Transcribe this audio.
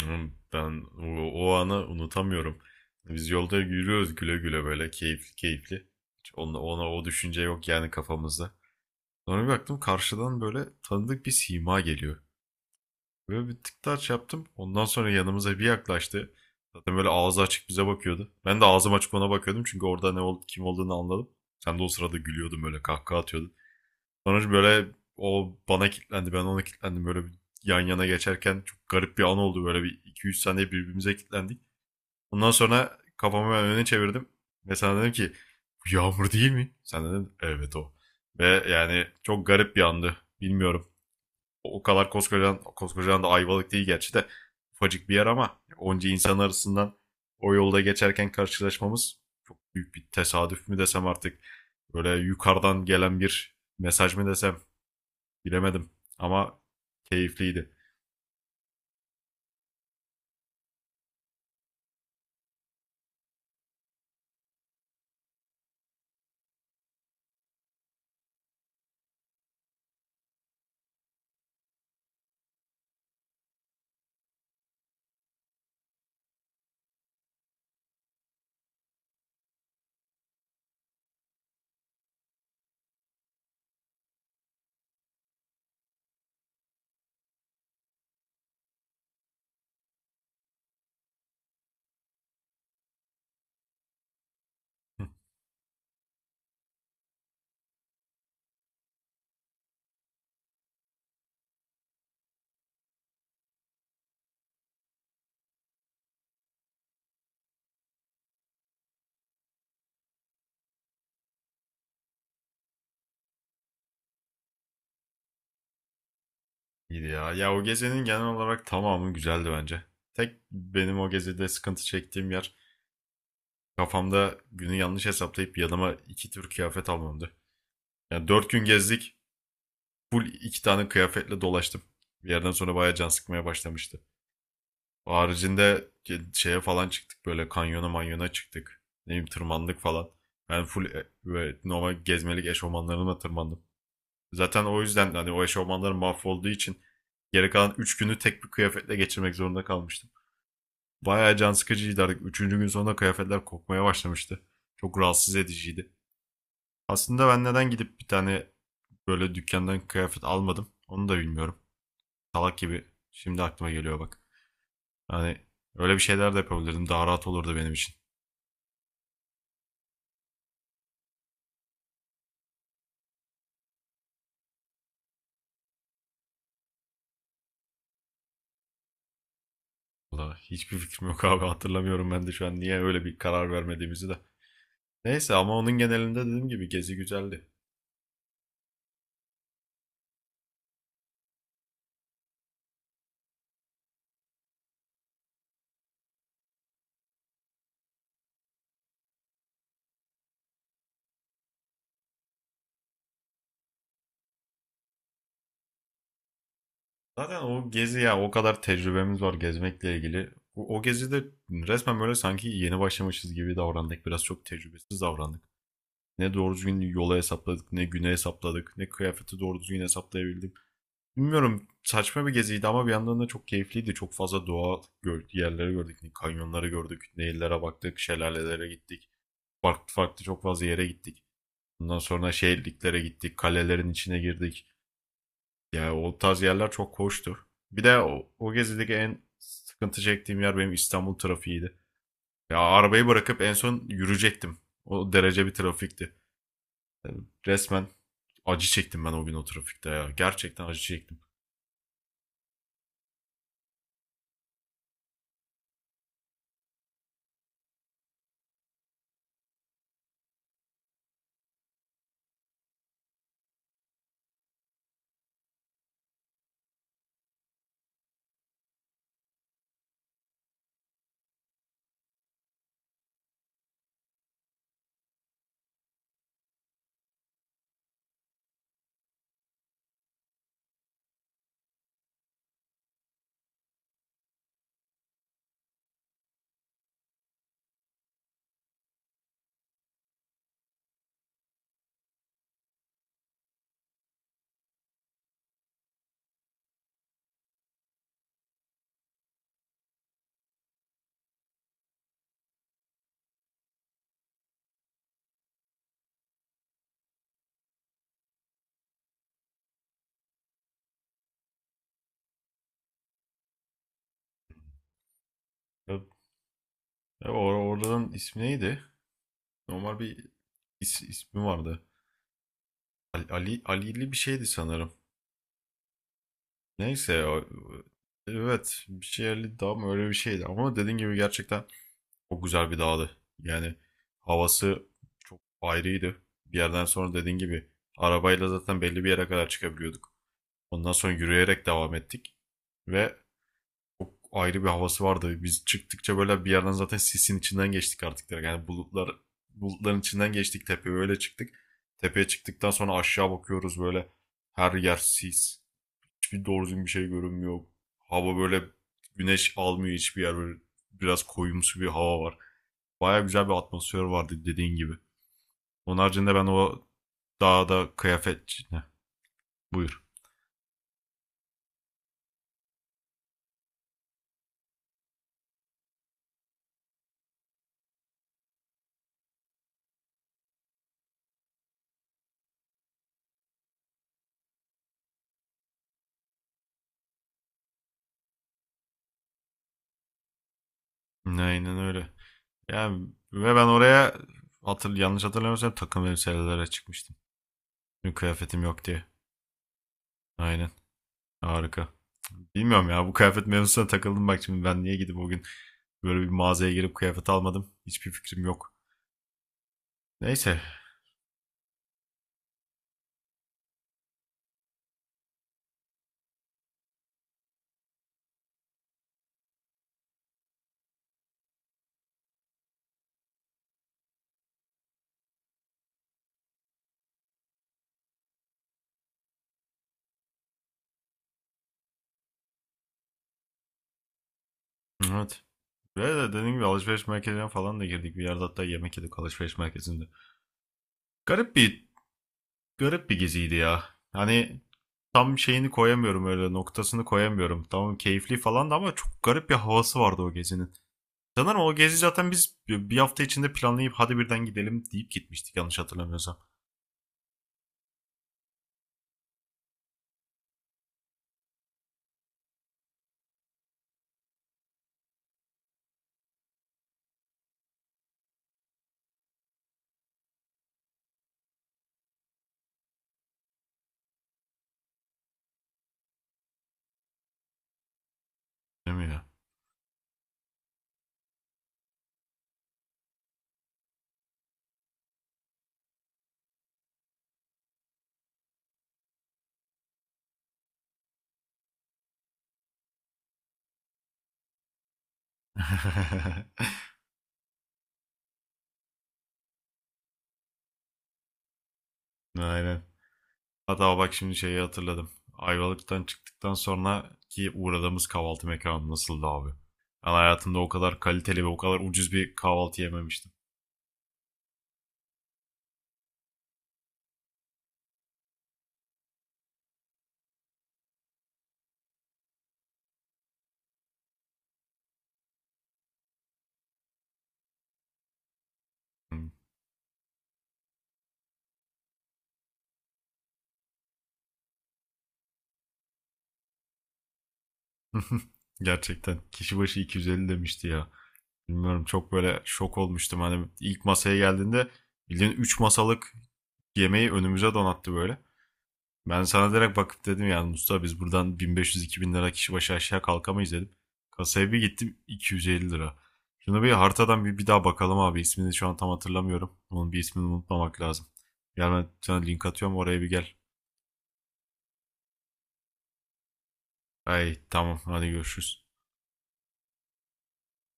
Hmm, ben o anı unutamıyorum. Biz yolda yürüyoruz güle güle, böyle keyifli keyifli. Hiç ona o düşünce yok yani kafamızda. Sonra bir baktım, karşıdan böyle tanıdık bir sima geliyor. Böyle bir tık taç yaptım. Ondan sonra yanımıza bir yaklaştı. Zaten böyle ağzı açık bize bakıyordu. Ben de ağzım açık ona bakıyordum çünkü orada kim olduğunu anladım. Sen de o sırada gülüyordun, böyle kahkaha atıyordun. Sonra böyle o bana kilitlendi, ben ona kilitlendim. Böyle bir yan yana geçerken çok garip bir an oldu. Böyle bir iki 3 saniye birbirimize kilitlendik. Ondan sonra kafamı ben öne çevirdim ve sana dedim ki bu yağmur değil mi? Sen dedin evet o. Ve yani çok garip bir andı. Bilmiyorum. O kadar koskocaman, koskocaman da Ayvalık değil gerçi de, ufacık bir yer ama onca insan arasından o yolda geçerken karşılaşmamız çok büyük bir tesadüf mü desem artık, böyle yukarıdan gelen bir mesaj mı desem, bilemedim ama keyifliydi. İyiydi ya. Ya, o gezinin genel olarak tamamı güzeldi bence. Tek benim o gezide sıkıntı çektiğim yer, kafamda günü yanlış hesaplayıp yanıma iki tür kıyafet almamdı. Yani dört gün gezdik. Full iki tane kıyafetle dolaştım. Bir yerden sonra bayağı can sıkmaya başlamıştı. O haricinde şeye falan çıktık, böyle kanyona manyona çıktık. Ne bileyim tırmandık falan. Ben full böyle normal gezmelik eşofmanlarımla tırmandım. Zaten o yüzden hani o eşofmanlarım mahvolduğu için geri kalan 3 günü tek bir kıyafetle geçirmek zorunda kalmıştım. Bayağı can sıkıcıydı artık. Üçüncü gün sonunda kıyafetler kokmaya başlamıştı. Çok rahatsız ediciydi. Aslında ben neden gidip bir tane böyle dükkandan kıyafet almadım onu da bilmiyorum. Salak gibi şimdi aklıma geliyor bak. Hani öyle bir şeyler de yapabilirdim. Daha rahat olurdu benim için. Valla hiçbir fikrim yok abi, hatırlamıyorum ben de şu an niye öyle bir karar vermediğimizi de. Neyse, ama onun genelinde dediğim gibi gezi güzeldi. Zaten o gezi ya, o kadar tecrübemiz var gezmekle ilgili. O gezide resmen böyle sanki yeni başlamışız gibi davrandık. Biraz çok tecrübesiz davrandık. Ne doğru düzgün yola hesapladık, ne güne hesapladık, ne kıyafeti doğru düzgün hesaplayabildim. Bilmiyorum, saçma bir geziydi ama bir yandan da çok keyifliydi. Çok fazla doğa gör yerleri gördük. Ne kanyonları gördük, nehirlere baktık, şelalelere gittik. Farklı farklı çok fazla yere gittik. Ondan sonra şehirliklere gittik, kalelerin içine girdik. Ya, o tarz yerler çok hoştu. Bir de o gezideki en sıkıntı çektiğim yer benim İstanbul trafiğiydi. Ya, arabayı bırakıp en son yürüyecektim. O derece bir trafikti. Yani resmen acı çektim ben o gün o trafikte ya. Gerçekten acı çektim. Ya, ya oradan, ismi neydi? Normal bir ismi vardı. Ali'li bir şeydi sanırım. Neyse evet, bir şeyli daha mı, öyle bir şeydi, ama dediğin gibi gerçekten çok güzel bir dağdı. Yani havası çok ayrıydı. Bir yerden sonra dediğin gibi arabayla zaten belli bir yere kadar çıkabiliyorduk. Ondan sonra yürüyerek devam ettik. Ve çok ayrı bir havası vardı. Biz çıktıkça böyle bir yerden zaten sisin içinden geçtik artık direkt. Yani bulutların içinden geçtik, tepeye öyle çıktık. Tepeye çıktıktan sonra aşağı bakıyoruz, böyle her yer sis. Hiçbir doğru düzgün bir şey görünmüyor. Hava böyle güneş almıyor hiçbir yer. Böyle biraz koyumsu bir hava var. Baya güzel bir atmosfer vardı dediğin gibi. Onun haricinde ben o dağda kıyafet... Ne? Buyur. Aynen öyle. Yani ve ben oraya yanlış hatırlamıyorsam takım elbiselere çıkmıştım. Çünkü kıyafetim yok diye. Aynen. Harika. Bilmiyorum ya, bu kıyafet mevzusuna takıldım, bak şimdi ben niye gidip o gün böyle bir mağazaya girip kıyafet almadım. Hiçbir fikrim yok. Neyse. Evet. Ve de dediğim gibi alışveriş merkezine falan da girdik. Bir yerde hatta yemek yedik alışveriş merkezinde. Garip bir garip bir geziydi ya. Hani tam şeyini koyamıyorum, öyle noktasını koyamıyorum. Tamam, keyifli falan da ama çok garip bir havası vardı o gezinin. Sanırım o gezi zaten biz bir hafta içinde planlayıp hadi birden gidelim deyip gitmiştik, yanlış hatırlamıyorsam. Değil mi ya? Aynen. Hatta bak, şimdi şeyi hatırladım. Ayvalık'tan çıktıktan sonra ki uğradığımız kahvaltı mekanı nasıldı abi? Ben hayatımda o kadar kaliteli ve o kadar ucuz bir kahvaltı yememiştim. Gerçekten. Kişi başı 250 demişti ya. Bilmiyorum, çok böyle şok olmuştum. Hani ilk masaya geldiğinde bildiğin 3 masalık yemeği önümüze donattı böyle. Ben sana direkt bakıp dedim yani, Mustafa biz buradan 1500-2000 lira kişi başı aşağı kalkamayız dedim. Kasaya bir gittim, 250 lira. Şuna bir haritadan bir daha bakalım abi. İsmini şu an tam hatırlamıyorum. Onun bir ismini unutmamak lazım. Gel ben sana link atıyorum, oraya bir gel. Ay tamam, hadi görüşürüz.